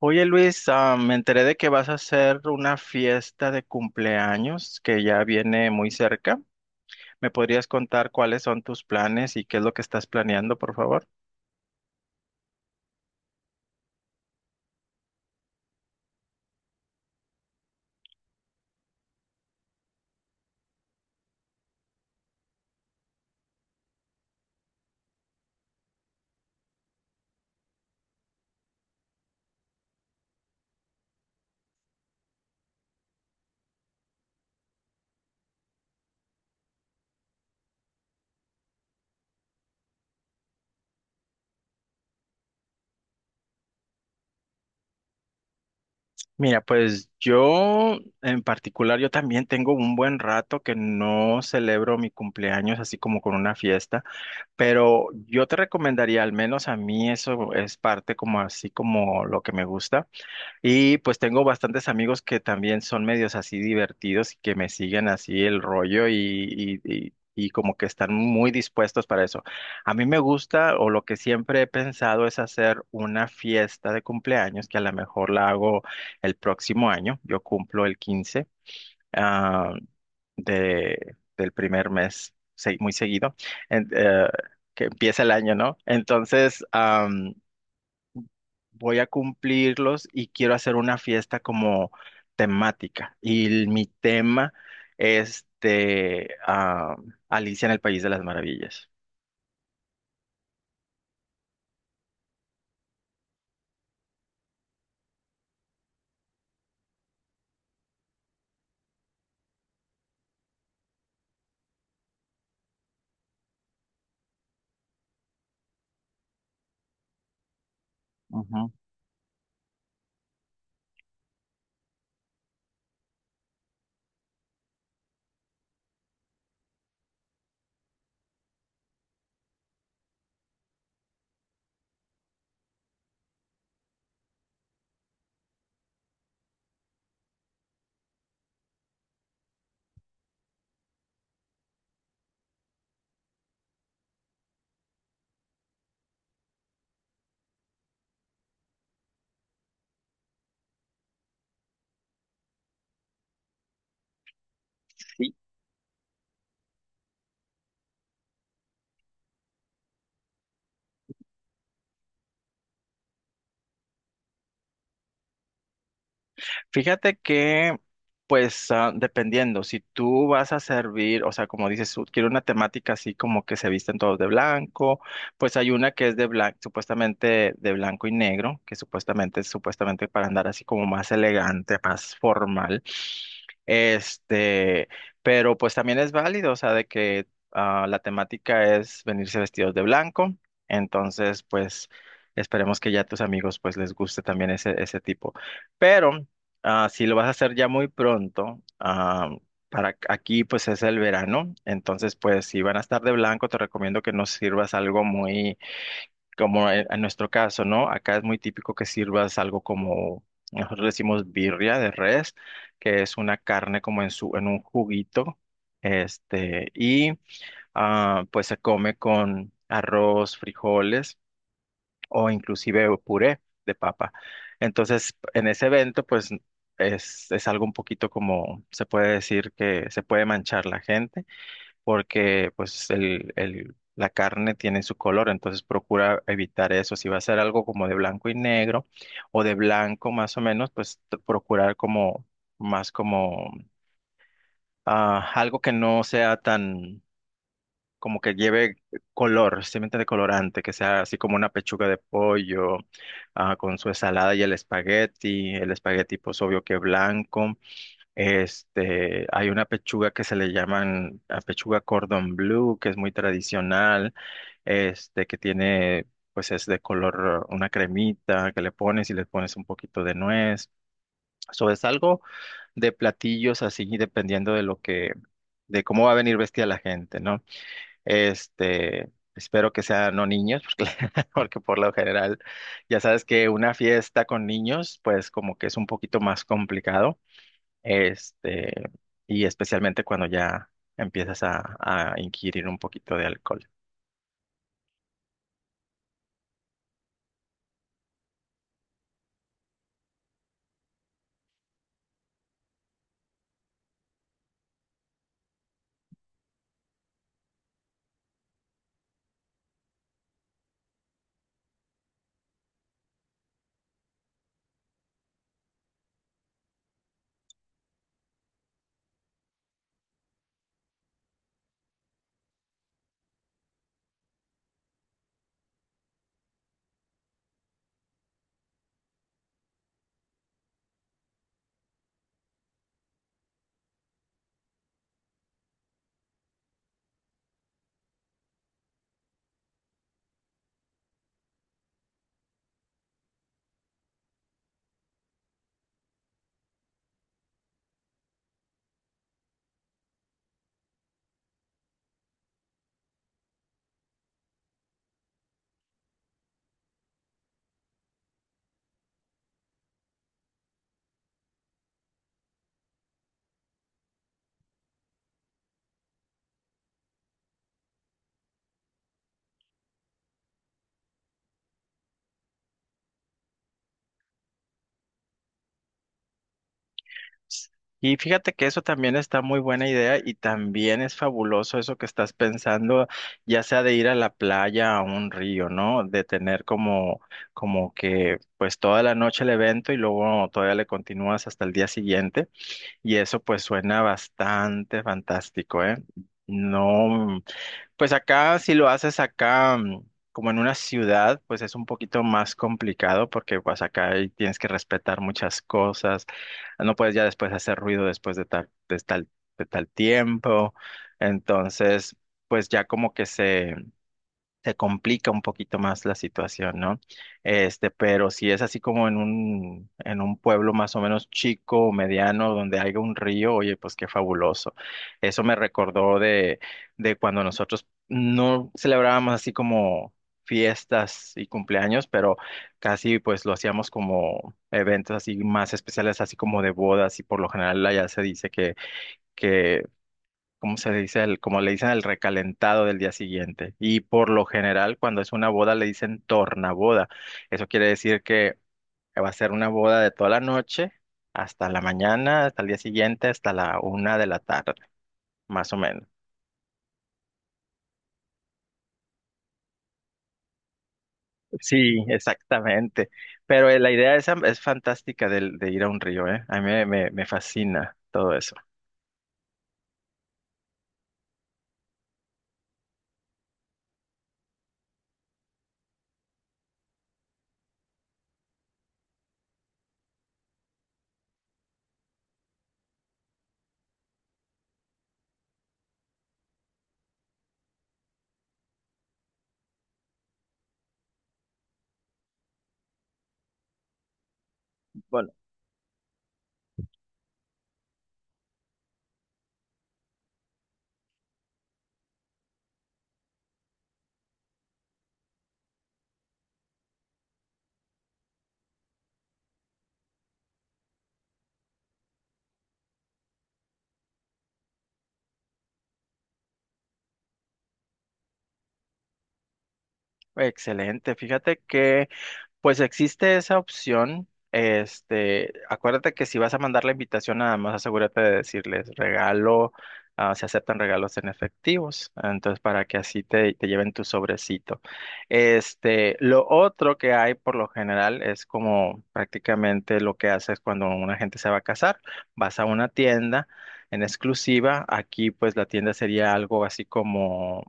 Oye Luis, me enteré de que vas a hacer una fiesta de cumpleaños que ya viene muy cerca. ¿Me podrías contar cuáles son tus planes y qué es lo que estás planeando, por favor? Mira, pues yo en particular, yo también tengo un buen rato que no celebro mi cumpleaños así como con una fiesta, pero yo te recomendaría, al menos a mí eso es parte como así como lo que me gusta. Y pues tengo bastantes amigos que también son medios así divertidos y que me siguen así el rollo y, y- y como que están muy dispuestos para eso. A mí me gusta o lo que siempre he pensado es hacer una fiesta de cumpleaños que a lo mejor la hago el próximo año. Yo cumplo el 15, ah, del primer mes, muy seguido, en- eh, que empieza el año, ¿no? Entonces voy a cumplirlos y quiero hacer una fiesta como temática. Y mi tema es este: Alicia en el País de las Maravillas. Ujú. Fíjate que, pues, dependiendo, si tú vas a servir, o sea, como dices tú, quiero una temática así como que se visten todos de blanco, pues hay una que es de blanco, supuestamente de blanco y negro, que supuestamente es supuestamente para andar así como más elegante, más formal. Este, pero pues también es válido, o sea, de que la temática es venirse vestidos de blanco, entonces, pues, esperemos que ya a tus amigos, pues, les guste también ese tipo. Pero si lo vas a hacer ya muy pronto, para aquí pues es el verano, entonces pues si van a estar de blanco te recomiendo que no sirvas algo muy como en nuestro caso, ¿no? Acá es muy típico que sirvas algo como nosotros le decimos birria de res, que es una carne como en un juguito, y pues se come con arroz, frijoles o inclusive puré de papa. Entonces, en ese evento, pues es algo un poquito, como se puede decir, que se puede manchar la gente porque pues la carne tiene su color, entonces procura evitar eso. Si va a ser algo como de blanco y negro o de blanco más o menos, pues procurar como más como algo que no sea tan como que lleve color, simplemente de colorante, que sea así como una pechuga de pollo, con su ensalada y el espagueti. El espagueti pues obvio que blanco. Hay una pechuga que se le llaman, pechuga cordon bleu, que es muy tradicional. Que tiene, pues, es de color, una cremita que le pones, y le pones un poquito de nuez. Eso es algo de platillos así, dependiendo de lo que, de cómo va a venir vestida la gente, ¿no? Espero que sean no niños, porque porque por lo general ya sabes que una fiesta con niños, pues como que es un poquito más complicado. Este, y especialmente cuando ya empiezas a inquirir un poquito de alcohol. Y fíjate que eso también está muy buena idea y también es fabuloso eso que estás pensando, ya sea de ir a la playa, a un río, ¿no? De tener como que pues toda la noche el evento y luego todavía le continúas hasta el día siguiente. Y eso pues suena bastante fantástico, ¿eh? No. Pues acá, si lo haces acá, como en una ciudad, pues es un poquito más complicado porque pues acá ahí tienes que respetar muchas cosas. No puedes ya después hacer ruido después de tal tiempo. Entonces, pues ya como que se complica un poquito más la situación, ¿no? Pero si es así como en un pueblo más o menos chico o mediano donde haya un río, oye, pues qué fabuloso. Eso me recordó de cuando nosotros no celebrábamos así como fiestas y cumpleaños, pero casi pues lo hacíamos como eventos así más especiales, así como de bodas, y por lo general allá se dice que ¿cómo se dice? El, como le dicen, el recalentado del día siguiente. Y por lo general, cuando es una boda, le dicen tornaboda. Eso quiere decir que va a ser una boda de toda la noche hasta la mañana, hasta el día siguiente, hasta la 1 de la tarde, más o menos. Sí, exactamente. Pero la idea esa es fantástica de ir a un río, ¿eh? A mí me fascina todo eso. Bueno, excelente. Fíjate que pues existe esa opción. Acuérdate que si vas a mandar la invitación, nada más asegúrate de decirles: regalo, se aceptan regalos en efectivos, entonces para que así te lleven tu sobrecito. Lo otro que hay por lo general es como prácticamente lo que haces cuando una gente se va a casar: vas a una tienda en exclusiva; aquí pues la tienda sería algo así como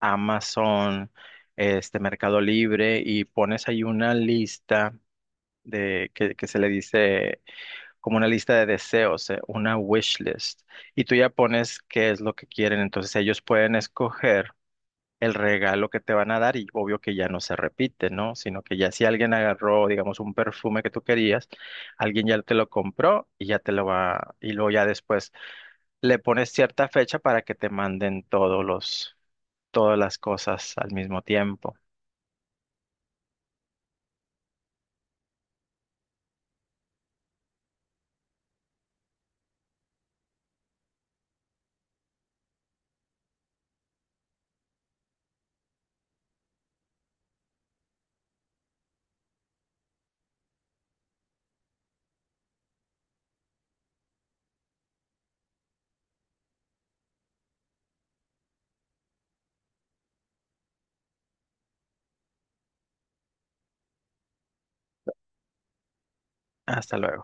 Amazon, este, Mercado Libre, y pones ahí una lista de que se le dice como una lista de deseos, una wish list, y tú ya pones qué es lo que quieren, entonces ellos pueden escoger el regalo que te van a dar, y obvio que ya no se repite, ¿no? Sino que ya si alguien agarró, digamos, un perfume que tú querías, alguien ya te lo compró y ya te lo va, y luego ya después le pones cierta fecha para que te manden todos los, todas las cosas al mismo tiempo. Hasta luego.